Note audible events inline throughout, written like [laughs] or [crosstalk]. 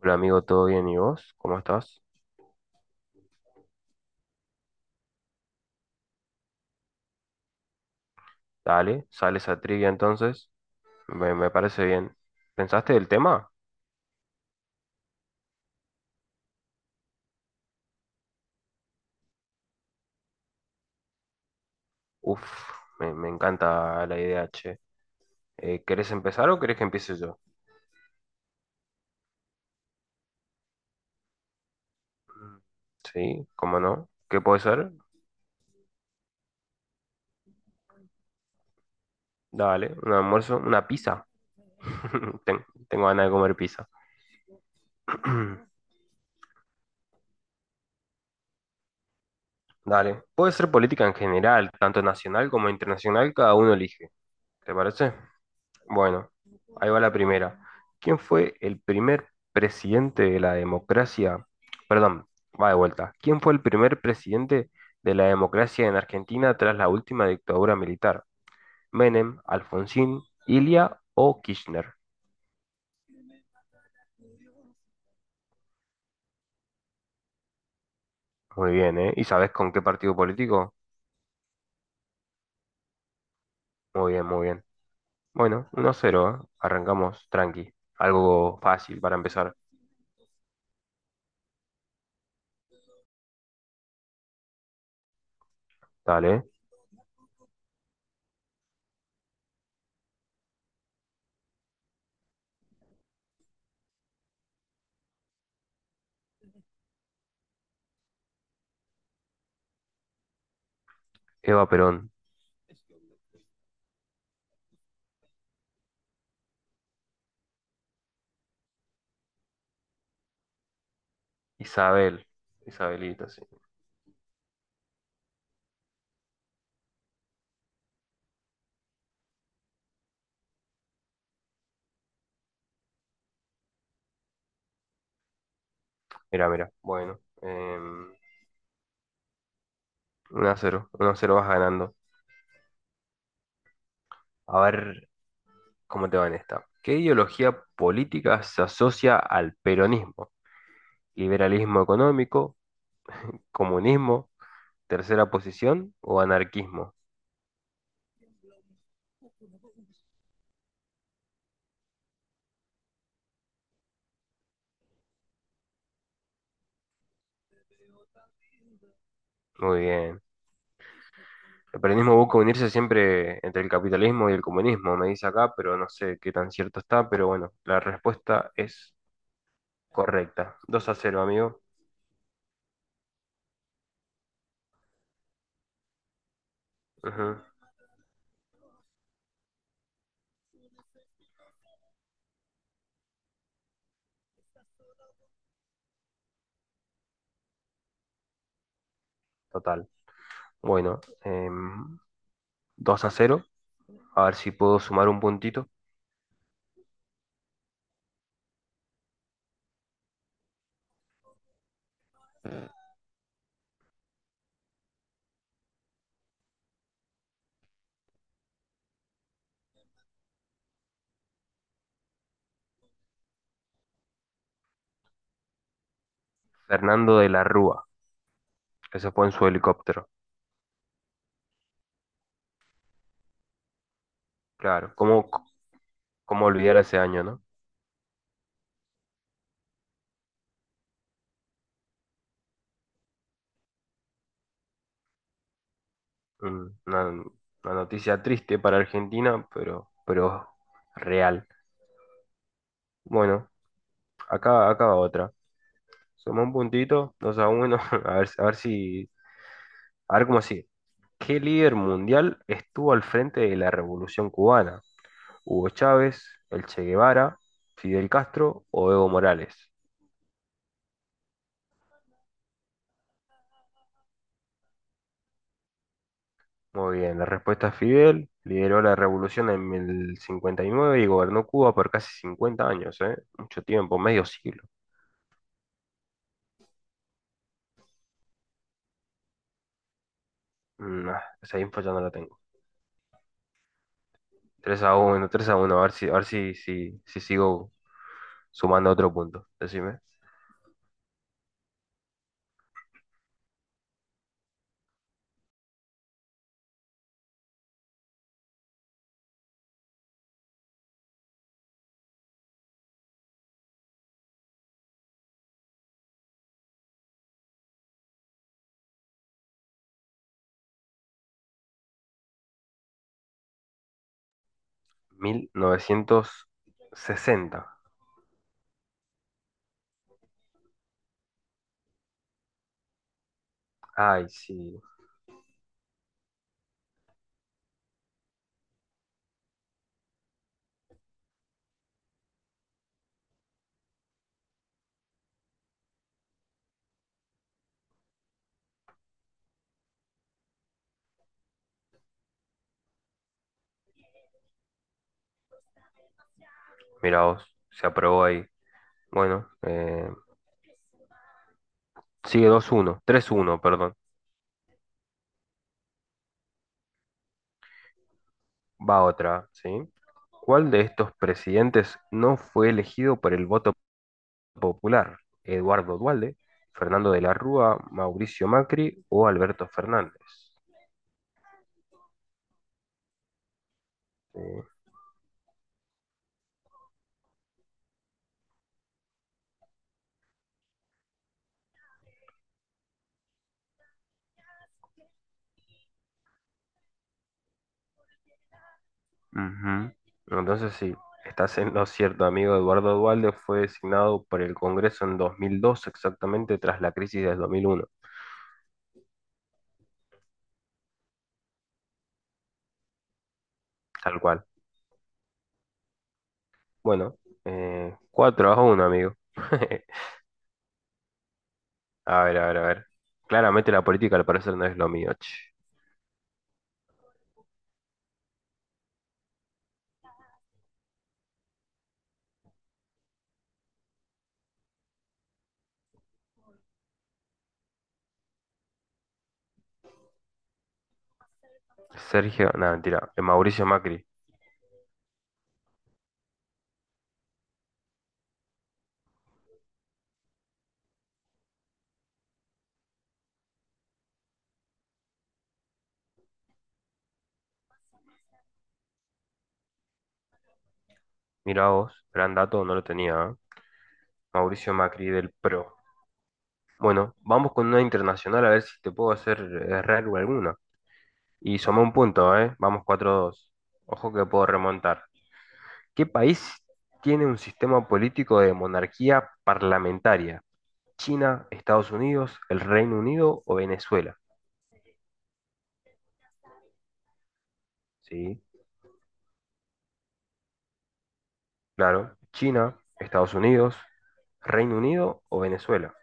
Hola amigo, ¿todo bien? ¿Y vos? ¿Cómo estás? Dale, sales a trivia entonces. Me parece bien. ¿Pensaste del tema? Uf, me encanta la idea, che. ¿Querés empezar o querés que empiece yo? Mm. Sí, ¿cómo no? ¿Qué puede ser? Dale, un almuerzo, una pizza. [laughs] Tengo ganas de comer pizza. [clears throat] Dale, puede ser política en general, tanto nacional como internacional, cada uno elige. ¿Te parece? Bueno, ahí va la primera. ¿Quién fue el primer presidente de la democracia? Perdón, va de vuelta. ¿Quién fue el primer presidente de la democracia en Argentina tras la última dictadura militar? ¿Menem, Alfonsín, Ilia o Kirchner? Muy bien, ¿eh? ¿Y sabes con qué partido político? Muy bien, muy bien. Bueno, 1 cero, ¿eh? Arrancamos tranqui. Algo fácil para empezar. Dale. Eva Perón, Isabel, Isabelita, sí. Mira, mira. Bueno, uno a cero, uno a cero, vas ganando. A ver cómo te va en esta. ¿Qué ideología política se asocia al peronismo? ¿Liberalismo económico, comunismo, tercera posición o anarquismo? Muy bien. El peronismo busca unirse siempre entre el capitalismo y el comunismo, me dice acá, pero no sé qué tan cierto está, pero bueno, la respuesta es correcta. Dos a cero, amigo. Ujú. Total. Bueno, 2 a cero. A ver si puedo sumar un puntito. Fernando de la Rúa. Eso fue en su helicóptero, claro. ¿Cómo, cómo olvidar ese año, ¿no? Una noticia triste para Argentina, pero real. Bueno, acá va otra. Suma un puntito, 2 a uno. [laughs] A ver, a ver si, a ver cómo sigue. ¿Qué líder mundial estuvo al frente de la Revolución Cubana? ¿Hugo Chávez, el Che Guevara, Fidel Castro o Evo Morales? Muy bien, la respuesta es Fidel. Lideró la revolución en el 59 y gobernó Cuba por casi 50 años, ¿eh? Mucho tiempo, medio siglo. Mm, ah, esa info ya no la tengo. Tres a uno, 3 a uno, a ver si, si, si sigo sumando otro punto. Decime. 1960. Ay, sí. Mirá vos, se aprobó ahí. Bueno, sigue dos uno, tres uno, perdón. Va otra, ¿sí? ¿Cuál de estos presidentes no fue elegido por el voto popular? ¿Eduardo Dualde, Fernando de la Rúa, Mauricio Macri o Alberto Fernández? ¿Sí? Ujú. Entonces, sí, estás en lo cierto, amigo. Eduardo Dualde fue designado por el Congreso en 2002, exactamente tras la crisis del 2001, tal cual. Bueno, 4 a 1, amigo. [laughs] A ver, a ver, a ver. Claramente la política al parecer no es lo mío, che. Sergio, nada, mentira. Mauricio Macri. Mira vos, gran dato, no lo tenía, ¿eh? Mauricio Macri del PRO. Bueno, vamos con una internacional a ver si te puedo hacer errar alguna. Y soma un punto, ¿eh? Vamos 4-2. Ojo que puedo remontar. ¿Qué país tiene un sistema político de monarquía parlamentaria? ¿China, Estados Unidos, el Reino Unido o Venezuela? Sí, claro. China, Estados Unidos, Reino Unido o Venezuela.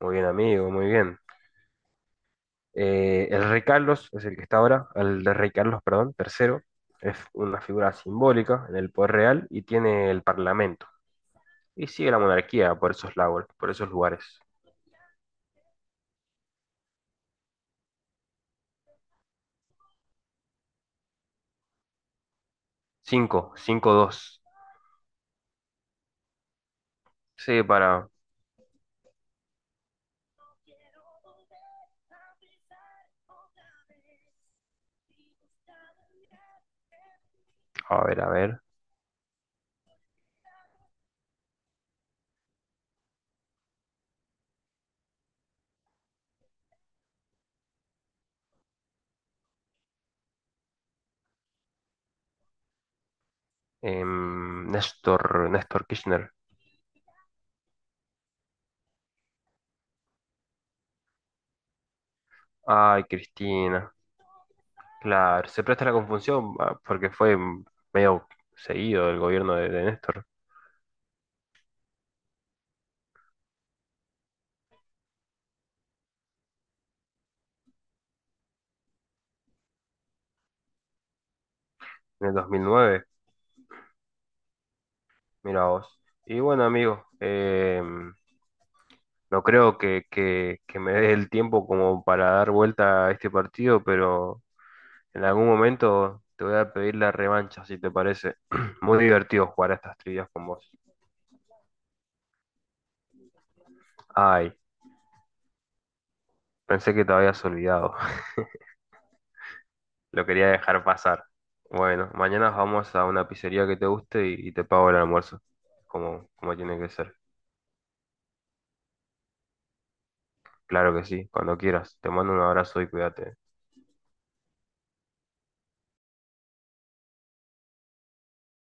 Muy bien, amigo, muy bien. El rey Carlos es el que está ahora, el de rey Carlos, perdón, tercero, es una figura simbólica en el poder real y tiene el parlamento. Y sigue la monarquía por esos lagos, por esos lugares. Cinco, cinco dos. Sí, para. A ver, a ver. Néstor Kirchner. Ay, Cristina. Claro, se presta la confusión, ah, porque fue medio seguido el gobierno de Néstor, en el 2009. Mira vos. Y bueno, amigo, no creo que me dé el tiempo como para dar vuelta a este partido, pero en algún momento te voy a pedir la revancha, si te parece. [clears throat] Muy divertido jugar a estas trivias con vos. Ay, pensé que te habías olvidado. [laughs] Lo quería dejar pasar. Bueno, mañana vamos a una pizzería que te guste y te pago el almuerzo, como, como tiene que ser. Claro que sí, cuando quieras. Te mando un abrazo y cuídate.